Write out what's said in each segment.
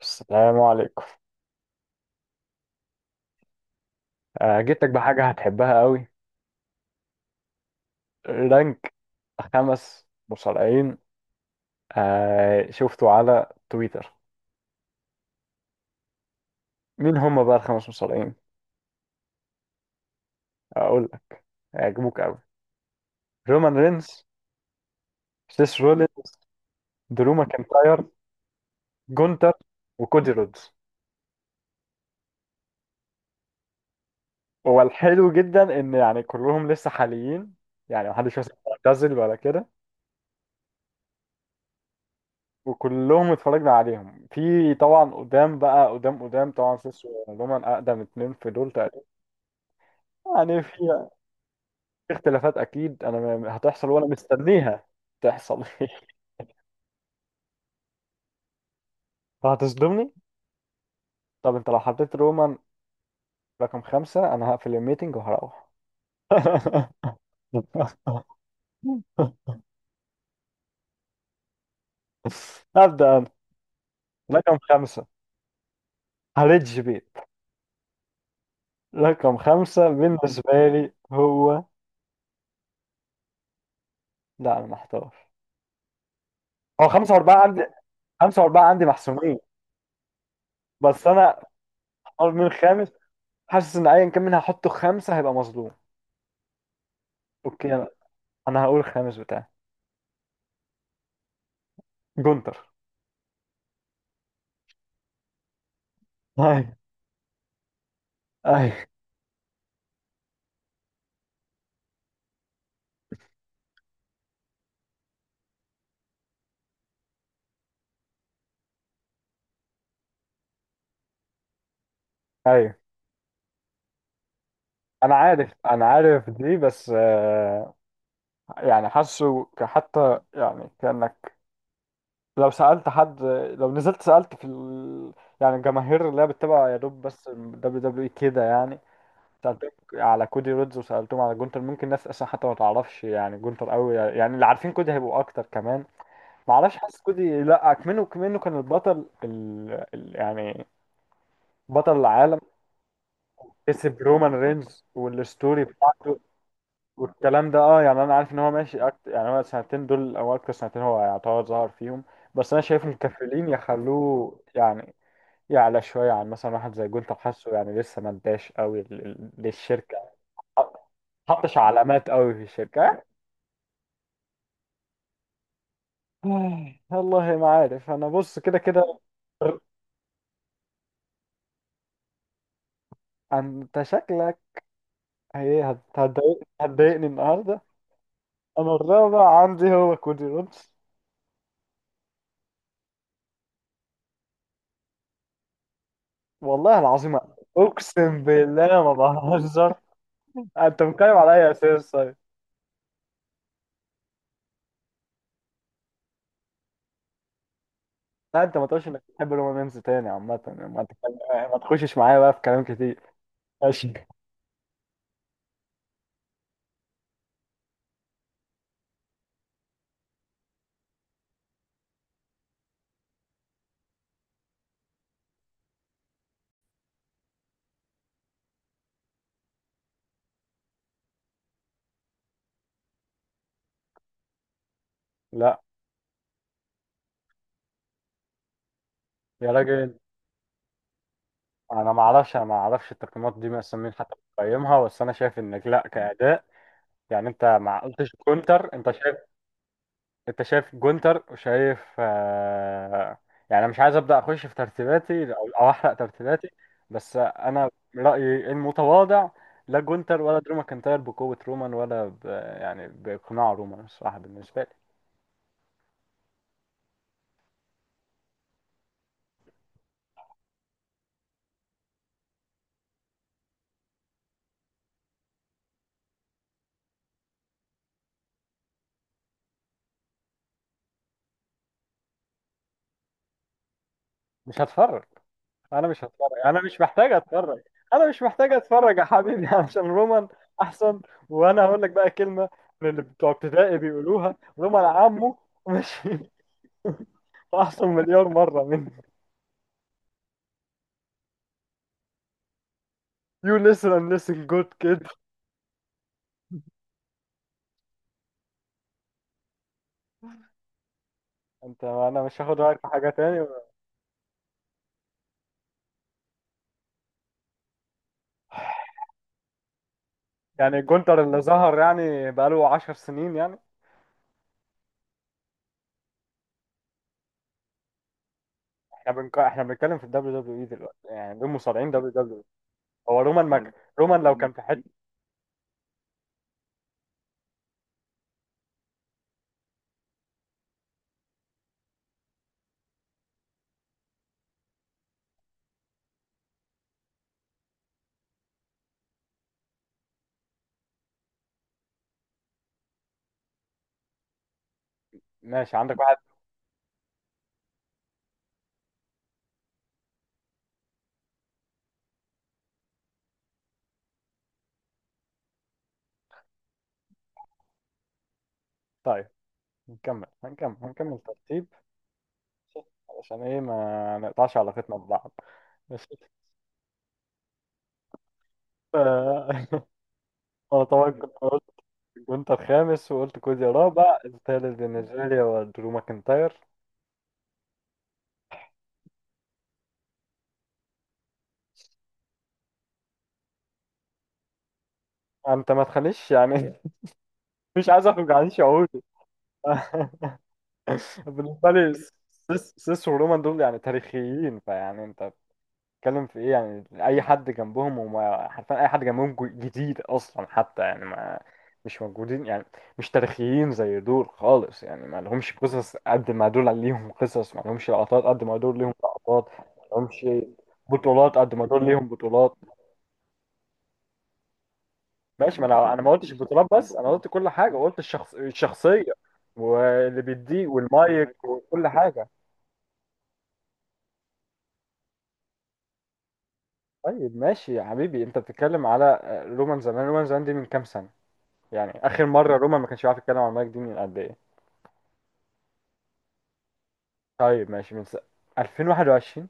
السلام عليكم. جيتك بحاجة هتحبها قوي. رانك 5 مصارعين. آه، شفته على تويتر. مين هم بقى ال5 مصارعين؟ أقول لك هيعجبوك قوي: رومان رينز، سيس رولينز، درو ماكنتاير، جونتر، وكودي رودز. هو الحلو جدا إن يعني كلهم لسه حاليين، يعني محدش مثلا معتزل ولا كده. وكلهم اتفرجنا عليهم في طبعا قدام بقى قدام طبعا. سيس ورومان أقدم اتنين في دول تقريبا. يعني في في اختلافات اكيد، هتحصل وانا مستنيها تحصل. فهتصدمني. طب انت لو حطيت رومان رقم 5، انا هقفل الميتنج وهروح. هبدأ انا. رقم خمسة هريدج بيت. رقم 5 بالنسبة لي هو، لا انا محتار. هو 5 و4 عندي، 5 و4 عندي محسومين. بس انا اختار من الخامس، حاسس ان ايا كان مين هحطه 5 هيبقى مظلوم. اوكي، أنا هقول الخامس بتاعي: جونتر. اي، اي، ايوه. انا عارف دي، بس يعني حتى يعني كانك لو سالت حد، لو نزلت سالت في ال... يعني الجماهير اللي هي بتتابع يا دوب بس دبليو دبليو اي كده، يعني سالتهم على كودي رودز وسالتهم على جونتر، ممكن ناس اصلا حتى ما تعرفش يعني جونتر قوي، يعني اللي عارفين كودي هيبقوا اكتر كمان. ما اعرفش، حاسس كودي لا كمنه كان البطل، يعني بطل العالم. كسب رومان رينز والستوري بتاعته، والكلام ده. اه يعني انا عارف ان هو ماشي أكتر، يعني هو السنتين دول او اكتر سنتين هو يعتبر ظهر فيهم، بس انا شايف الكافلين يخلوه يعني يعلى شويه عن مثلا واحد زي جولت. حاسه يعني لسه ما اداش قوي للشركه، ما حطش علامات قوي في الشركه. آه، والله ما عارف. انا بص، كده كده انت شكلك هتضايقني النهارده. انا الرابع عندي هو كودي رودز. والله العظيم، اقسم بالله ما بهزر. آه، انت بتتكلم على اي اساس طيب؟ لا انت ما تقولش انك بتحب الرومانس تاني عامة، يعني ما تتكلم، ما تخشش معايا بقى في كلام كتير. ماشي. لا يا راجل، انا ما اعرفش، انا ما اعرفش التقييمات دي مثلا مين حتى بيقيمها، بس انا شايف انك لا كأداء يعني. انت ما قلتش كونتر، انت شايف. انت شايف جونتر وشايف، آه، يعني انا مش عايز ابدا اخش في ترتيباتي أو احرق ترتيباتي، بس انا رايي المتواضع: لا جونتر ولا درو ماكنتاير بقوه رومان ولا ب... يعني باقناع رومان الصراحه بالنسبه لي. مش هتفرج، انا مش هتفرج، انا مش محتاج اتفرج. انا مش محتاج اتفرج يا حبيبي عشان رومان احسن. وانا هقول لك بقى كلمه من اللي بتوع ابتدائي بيقولوها: رومان عمه، ماشي. احسن 1000000000 مره مني. You listen and listen good kid. انت انا مش هاخد رايك في حاجه تاني. يعني جونتر اللي ظهر يعني بقاله 10 سنين يعني. احنا بنتكلم في الدبليو دبليو اي دلوقتي، يعني دول مصارعين دبليو دبليو اي. هو رومان ماك، رومان لو كان في حته. ماشي، عندك واحد. طيب نكمل، هنكمل ترتيب عشان ايه؟ ما نقطعش علاقتنا ببعض. ماشي. ف- انا طبعا كنت قلت جونتر خامس، وقلت كوزي رابع. الثالث بالنسبه لي هو درو ماكنتاير. انت ما تخليش يعني مش عايز اخرج عن شعوري. بالنسبه لي سيس ورومان دول يعني تاريخيين. فيعني انت بتتكلم في ايه؟ يعني اي حد جنبهم، وما حرفيا اي حد جنبهم جديد اصلا حتى، يعني ما مش موجودين يعني. مش تاريخيين زي دول خالص يعني. ما لهمش قصص قد ما دول ليهم قصص، ما لهمش لقطات قد ما دول ليهم لقطات، ما لهمش بطولات قد ما دول ليهم بطولات. ماشي، ما انا ما قلتش البطولات بس، انا قلت كل حاجه، قلت الشخصيه واللي بيديه والمايك وكل حاجه. طيب ماشي يا حبيبي، انت بتتكلم على، آه، رومان زمان. رومان زمان دي من كام سنة؟ يعني اخر مرة رومان ما كانش بيعرف يتكلم عن المايك دي من قد ايه؟ طيب ماشي 2021.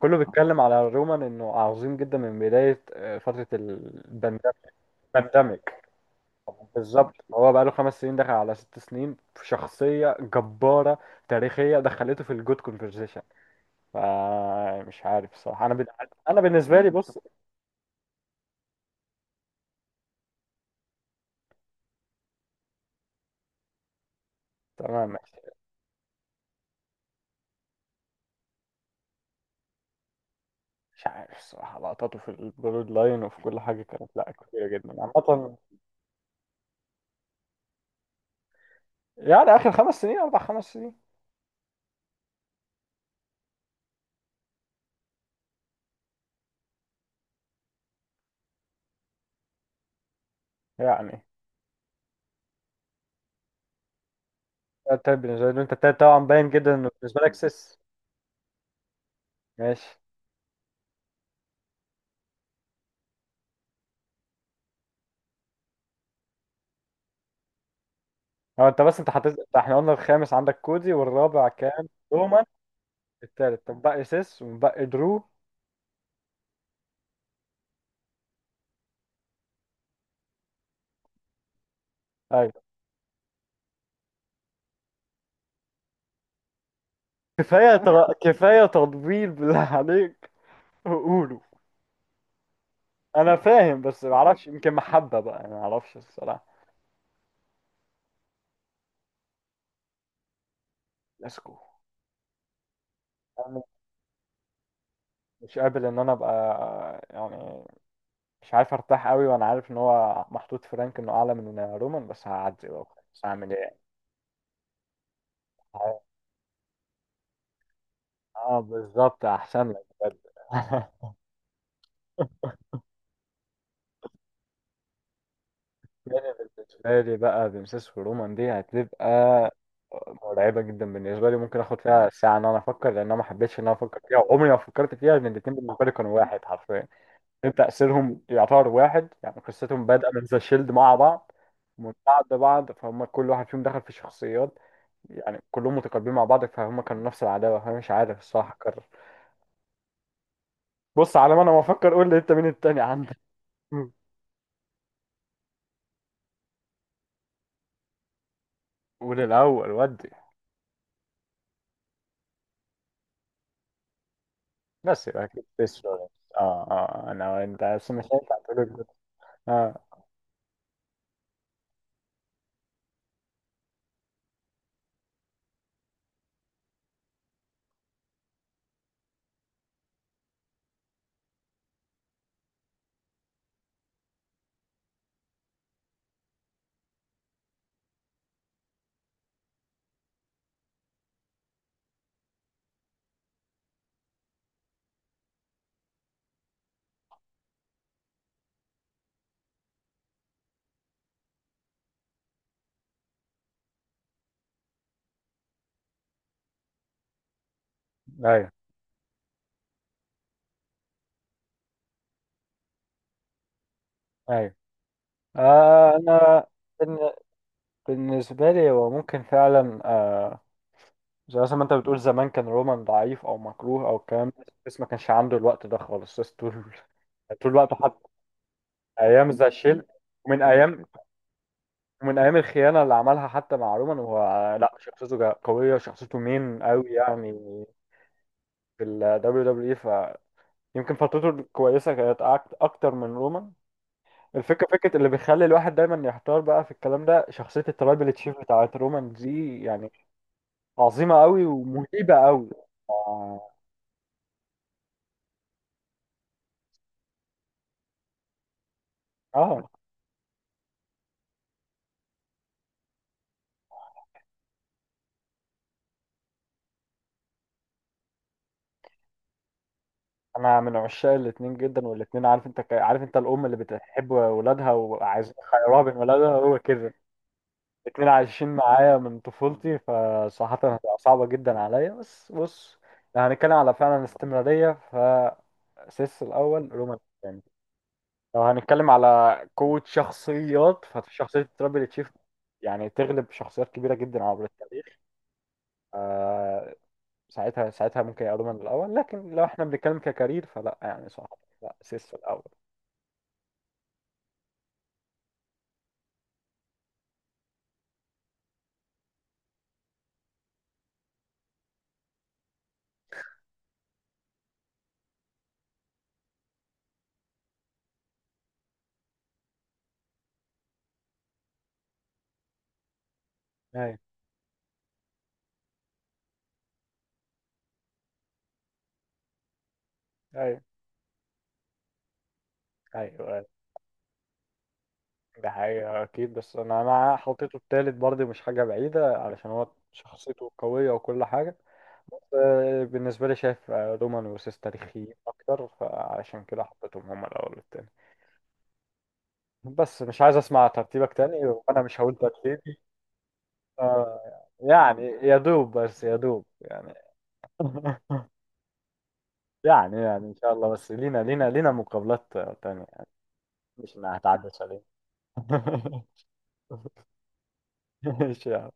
كله بيتكلم على رومان انه عظيم جدا من بداية، آه، فترة الباندemic. بالظبط، هو بقاله 5 سنين، دخل على 6 سنين في شخصية جبارة تاريخية، دخلته في الجود كونفرزيشن. فمش عارف الصراحة، انا بالنسبة لي بص. تمام. مش عارف الصراحة، لقطاته في الجرود لاين وفي كل حاجة كانت لا كتيرة جدا عامة، يعني آخر 5 سنين 4 5 سنين يعني. ده التايب بالنسبة لي، أنت التايب طبعا باين جدا إنه بالنسبة لك سيس. ماشي. هو أنت بس أنت حطيت إحنا قلنا الخامس عندك كودي والرابع كان رومان. التالت طب، باقي سيس وباقي درو. أيوة. كفاية تطبيل بالله عليك، وقوله. أنا فاهم، بس معرفش، يمكن محبة بقى، أنا معرفش الصراحة. لاسكو. أنا مش قابل ان انا ابقى يعني مش عارف ارتاح قوي، وانا عارف ان هو محطوط فرانك انه اعلى من رومان، بس هعدي بقى. بس هعمل ايه؟ ه- اه بالظبط، احسن لك بجد. يعني بالنسبه لي بقى، بنسيس ورومان دي هتبقى مرعبه جدا بالنسبه لي. ممكن اخد فيها ساعه ان انا افكر، لان انا ما حبيتش ان انا افكر فيها وعمري ما فكرت فيها، لان الاثنين بالنسبه لي كانوا واحد حرفيا. لأن تاثيرهم يعتبر واحد، يعني قصتهم بادئه من ذا شيلد مع بعض، من بعض فهم كل واحد فيهم دخل في شخصيات، يعني كلهم متقاربين مع بعض فهم كانوا نفس العداوة. أنا مش عارف الصراحة أكرر، بص على ما أنا ما أفكر قول لي أنت مين التاني عندك؟ مم. قول الأول ودي. بس يبقى أكيد تسلا. آه، آه، آه. أنا، أنت بس مش هينفع تقول كده. آه. أيوه، أيوه. آه. أنا بن- بالنسبة لي هو ممكن فعلا. آه، زي مثلا ما أنت بتقول زمان كان رومان ضعيف أو مكروه أو الكلام ده، بس ما كانش عنده الوقت ده خالص، بس طول طول الوقت حتى. أيام ذا شيلد، ومن أيام ومن ايام الخيانه اللي عملها حتى مع رومان، وهو لا شخصيته قويه، شخصيته مين قوي يعني في ال WWE. فيمكن فترته الكويسه كانت اكتر من رومان. الفكره، فكره اللي بيخلي الواحد دايما يحتار بقى في الكلام ده، شخصيه الترايبل تشيف بتاعت رومان دي يعني عظيمه قوي ومهيبه قوي. اه، آه. انا من عشاق الاتنين جدا، والاتنين، عارف انت، عارف انت الام اللي بتحب ولادها وعايز خيرها بين ولادها، هو كده. الاتنين عايشين معايا من طفولتي، فصراحة هتبقى صعبة جدا عليا. بس بص، لو هنتكلم على فعلا استمرارية فسيس الأول، رومان الثاني. لو هنتكلم على قوة شخصيات فشخصية ترابل تشيف يعني تغلب شخصيات كبيرة جدا عبر التاريخ، آه، ساعتها، ساعتها ممكن يبقى رومان الأول. لكن لو احنا بنتكلم ككارير فلا، يعني صراحة لا، سيس الأول. أيوه، أيوه، أيوه. ده حقيقة أكيد، بس أنا حطيته التالت برضه، مش حاجة بعيدة علشان هو شخصيته قوية وكل حاجة. بس آه، بالنسبة لي شايف، آه، رومان وسيس تاريخيين أكتر، فعشان كده حطيتهم هما الأول والتاني. بس مش عايز أسمع ترتيبك تاني، وأنا مش هقول ترتيبي. آه، يعني يا دوب بس، يا دوب يعني. يعني، يعني إن شاء الله، بس لينا مقابلات آه، تانية، مش إنها هتعدي علينا. ماشي.